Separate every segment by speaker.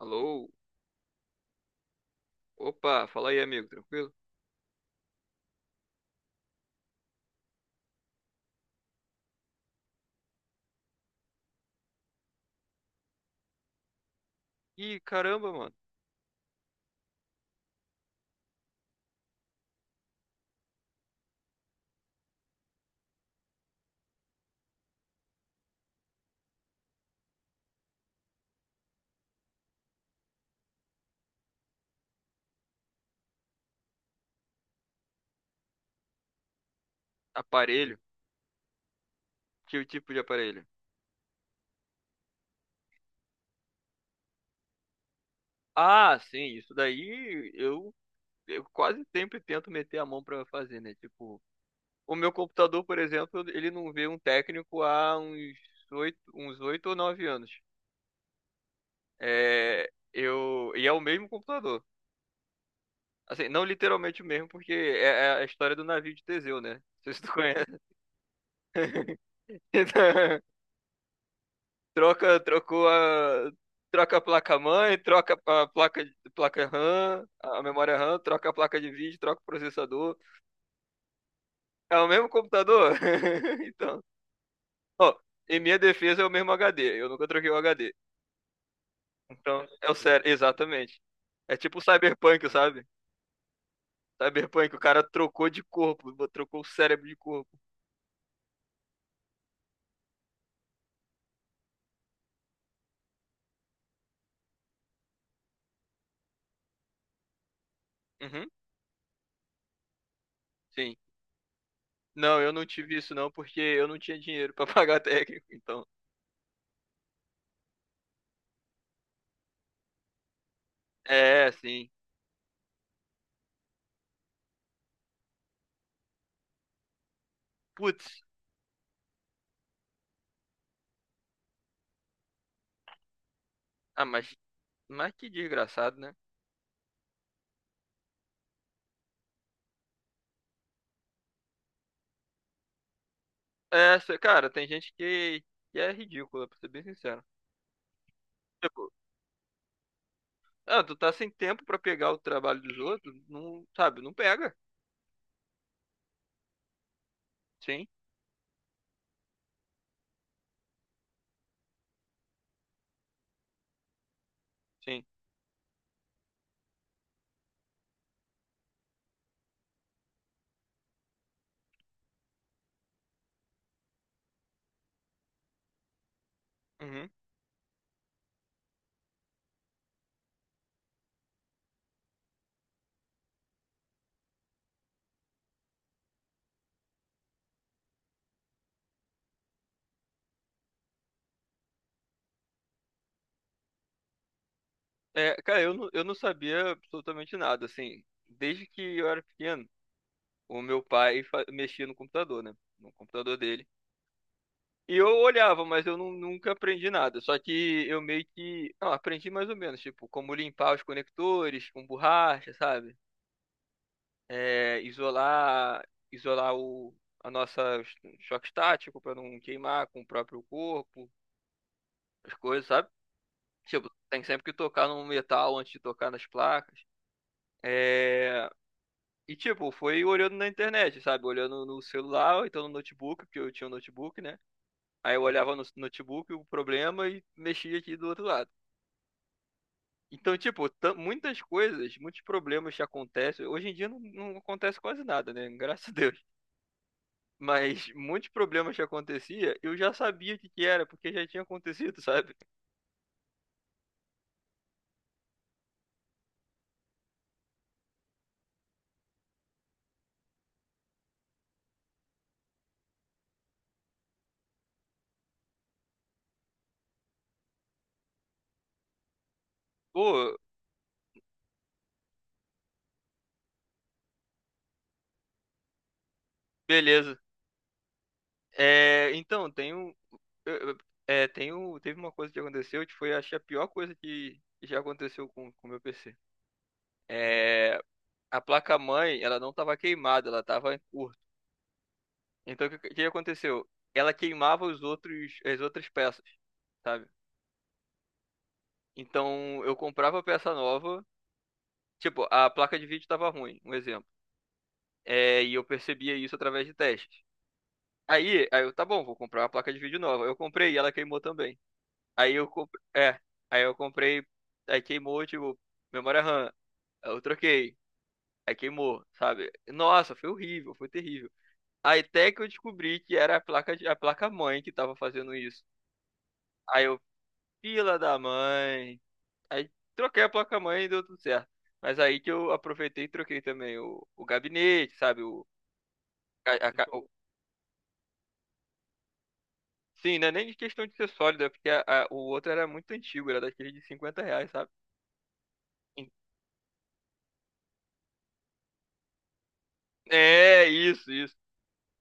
Speaker 1: Alô? Opa, fala aí, amigo, tranquilo? Ih, caramba, mano. Aparelho? Que tipo de aparelho? Ah, sim, isso daí eu quase sempre tento meter a mão pra fazer, né? Tipo, o meu computador, por exemplo, ele não vê um técnico há uns oito ou nove anos. É, eu, e é o mesmo computador. Assim, não literalmente o mesmo, porque é a história do navio de Teseu, né? Não sei se tu conhece. Troca, trocou a, troca a placa-mãe, troca a placa RAM, a memória RAM, troca a placa de vídeo, troca o processador. É o mesmo computador? Então, ó, em minha defesa é o mesmo HD, eu nunca troquei o HD. Então, é o sério, exatamente. É tipo o Cyberpunk, sabe? Cyberpunk, o cara trocou de corpo, trocou o cérebro de corpo. Uhum, sim. Não, eu não tive isso não, porque eu não tinha dinheiro pra pagar técnico, então. É, sim. Putz, ah, Mas que desgraçado, né? É, cara, tem gente que é ridícula, pra ser bem sincero. Tipo, ah, tu tá sem tempo pra pegar o trabalho dos outros, não, sabe, não pega. Sim, sim. Uhum. É, cara, eu não sabia absolutamente nada, assim. Desde que eu era pequeno, o meu pai mexia no computador, né? No computador dele. E eu olhava, mas eu nunca aprendi nada. Só que eu meio que. Não, aprendi mais ou menos, tipo, como limpar os conectores com borracha, sabe? É, isolar a nossa choque estático para não queimar com o próprio corpo, as coisas, sabe? Tipo, tem sempre que tocar no metal antes de tocar nas placas. É, e tipo, foi olhando na internet, sabe? Olhando no celular, ou então no notebook, porque eu tinha um notebook, né? Aí eu olhava no notebook o problema e mexia aqui do outro lado. Então, tipo, muitas coisas, muitos problemas que acontecem. Hoje em dia não, não acontece quase nada, né? Graças a Deus. Mas muitos problemas que acontecia, eu já sabia o que que era, porque já tinha acontecido, sabe? Pô, beleza. É, então, tem um, eu- é, teve uma coisa que aconteceu que foi, acho, que a pior coisa que já aconteceu com o meu PC. É, a placa-mãe, ela não estava queimada, ela estava em curto. Então, o que aconteceu? Ela queimava as outras peças, sabe? Então, eu comprava peça nova, tipo, a placa de vídeo estava ruim, um exemplo. É, e eu percebia isso através de testes. Aí eu, tá bom, vou comprar uma placa de vídeo nova. Eu comprei e ela queimou também. Aí eu comprei, é, aí eu comprei, aí queimou, tipo, memória RAM. Aí eu troquei, aí queimou, sabe? Nossa, foi horrível, foi terrível. Aí até que eu descobri que era a placa mãe que tava fazendo isso. Aí eu, fila da mãe. Aí troquei a placa mãe e deu tudo certo. Mas aí que eu aproveitei e troquei também o gabinete, sabe? A, a, Sim, não é nem de questão de ser sólida porque o outro era muito antigo, era daquele de R$ 50, sabe? En- É, isso, isso.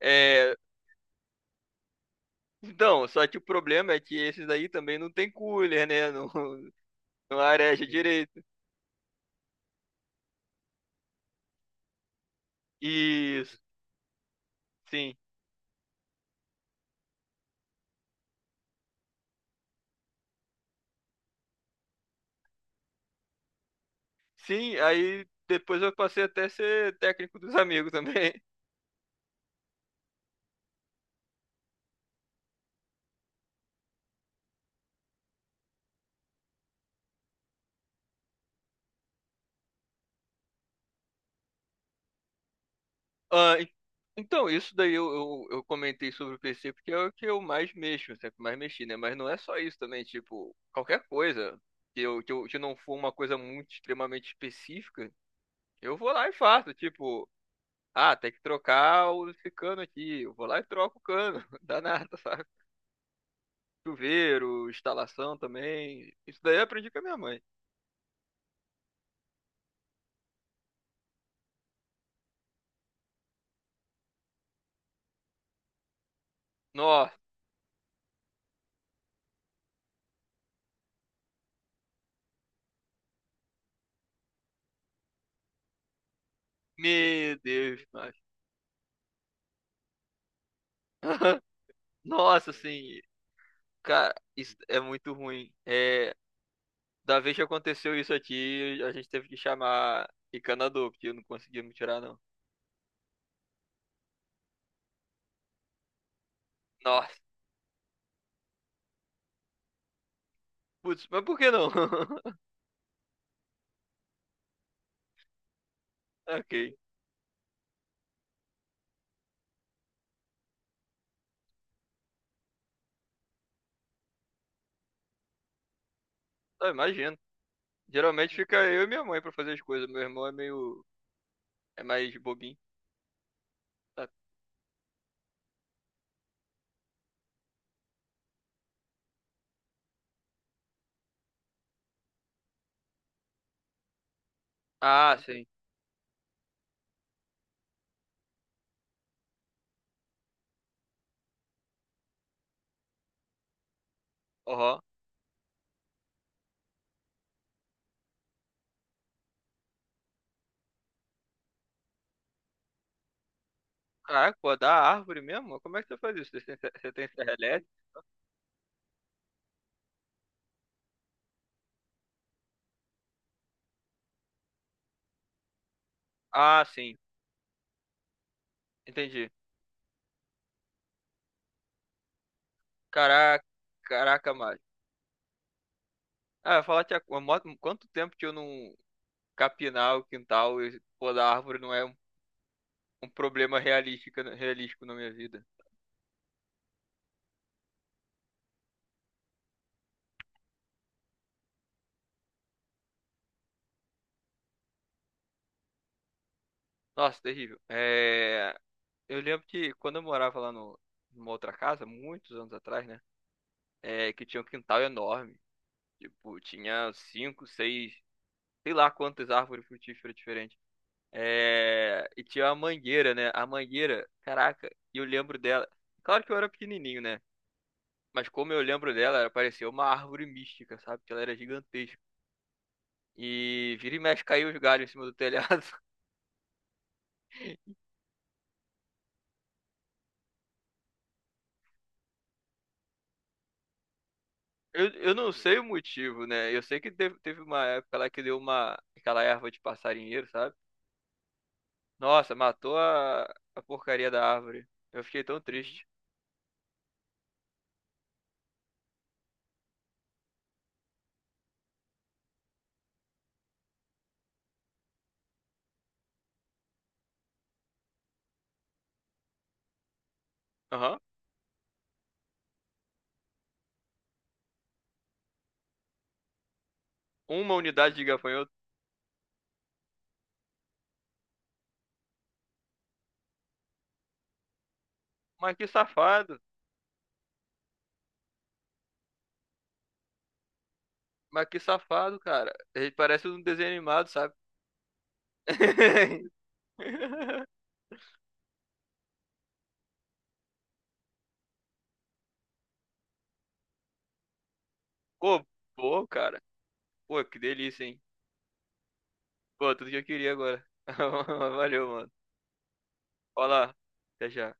Speaker 1: É, então, só que o problema é que esses aí também não tem cooler, né? Não, não areja direito. Isso, sim. Sim, aí depois eu passei até a ser técnico dos amigos também. Ah, então, isso daí eu comentei sobre o PC porque é o que eu mais mexo, sempre mais mexi, né? Mas não é só isso também, tipo, qualquer coisa que não for uma coisa muito extremamente específica, eu vou lá e faço, tipo, ah, tem que trocar esse cano aqui, eu vou lá e troco o cano, dá nada, sabe? Chuveiro, instalação também, isso daí eu aprendi com a minha mãe. Nossa, meu Deus, mas... Nossa, assim, cara, isso é muito ruim. É, da vez que aconteceu isso aqui, a gente teve que chamar encanador, porque não conseguimos tirar, não. Nossa, putz, mas por que não? Ok, ah, imagino. Geralmente fica eu e minha mãe pra fazer as coisas. Meu irmão é meio. É mais bobinho. Sabe? Ah, sim. Aham. Caraca, podar a árvore mesmo? Como é que você faz isso? Você tem serra elétrica? Ah, sim. Entendi. Caraca, caraca, Mário. Ah, eu ia falar que há quanto tempo que eu não capinar o quintal e podar a árvore não é um problema realístico na minha vida. Nossa, terrível. É, eu lembro que quando eu morava lá no, numa outra casa, muitos anos atrás, né? É, que tinha um quintal enorme. Tipo, tinha cinco, seis, sei lá quantas árvores frutíferas diferentes. É, e tinha uma mangueira, né? A mangueira, caraca, e eu lembro dela. Claro que eu era pequenininho, né? Mas como eu lembro dela, ela parecia uma árvore mística, sabe? Que ela era gigantesca. E vira e mexe caiu os galhos em cima do telhado. Eu não sei o motivo, né? Eu sei que teve uma época lá que deu aquela erva de passarinheiro, sabe? Nossa, matou a porcaria da árvore. Eu fiquei tão triste. Aham. Uma unidade de gafanhoto. Mas que safado. Mas que safado, cara. Ele parece um desenho animado, sabe? Pô, pô, cara. Pô, que delícia, hein? Pô, tudo que eu queria agora. Valeu, mano. Olá. Até já.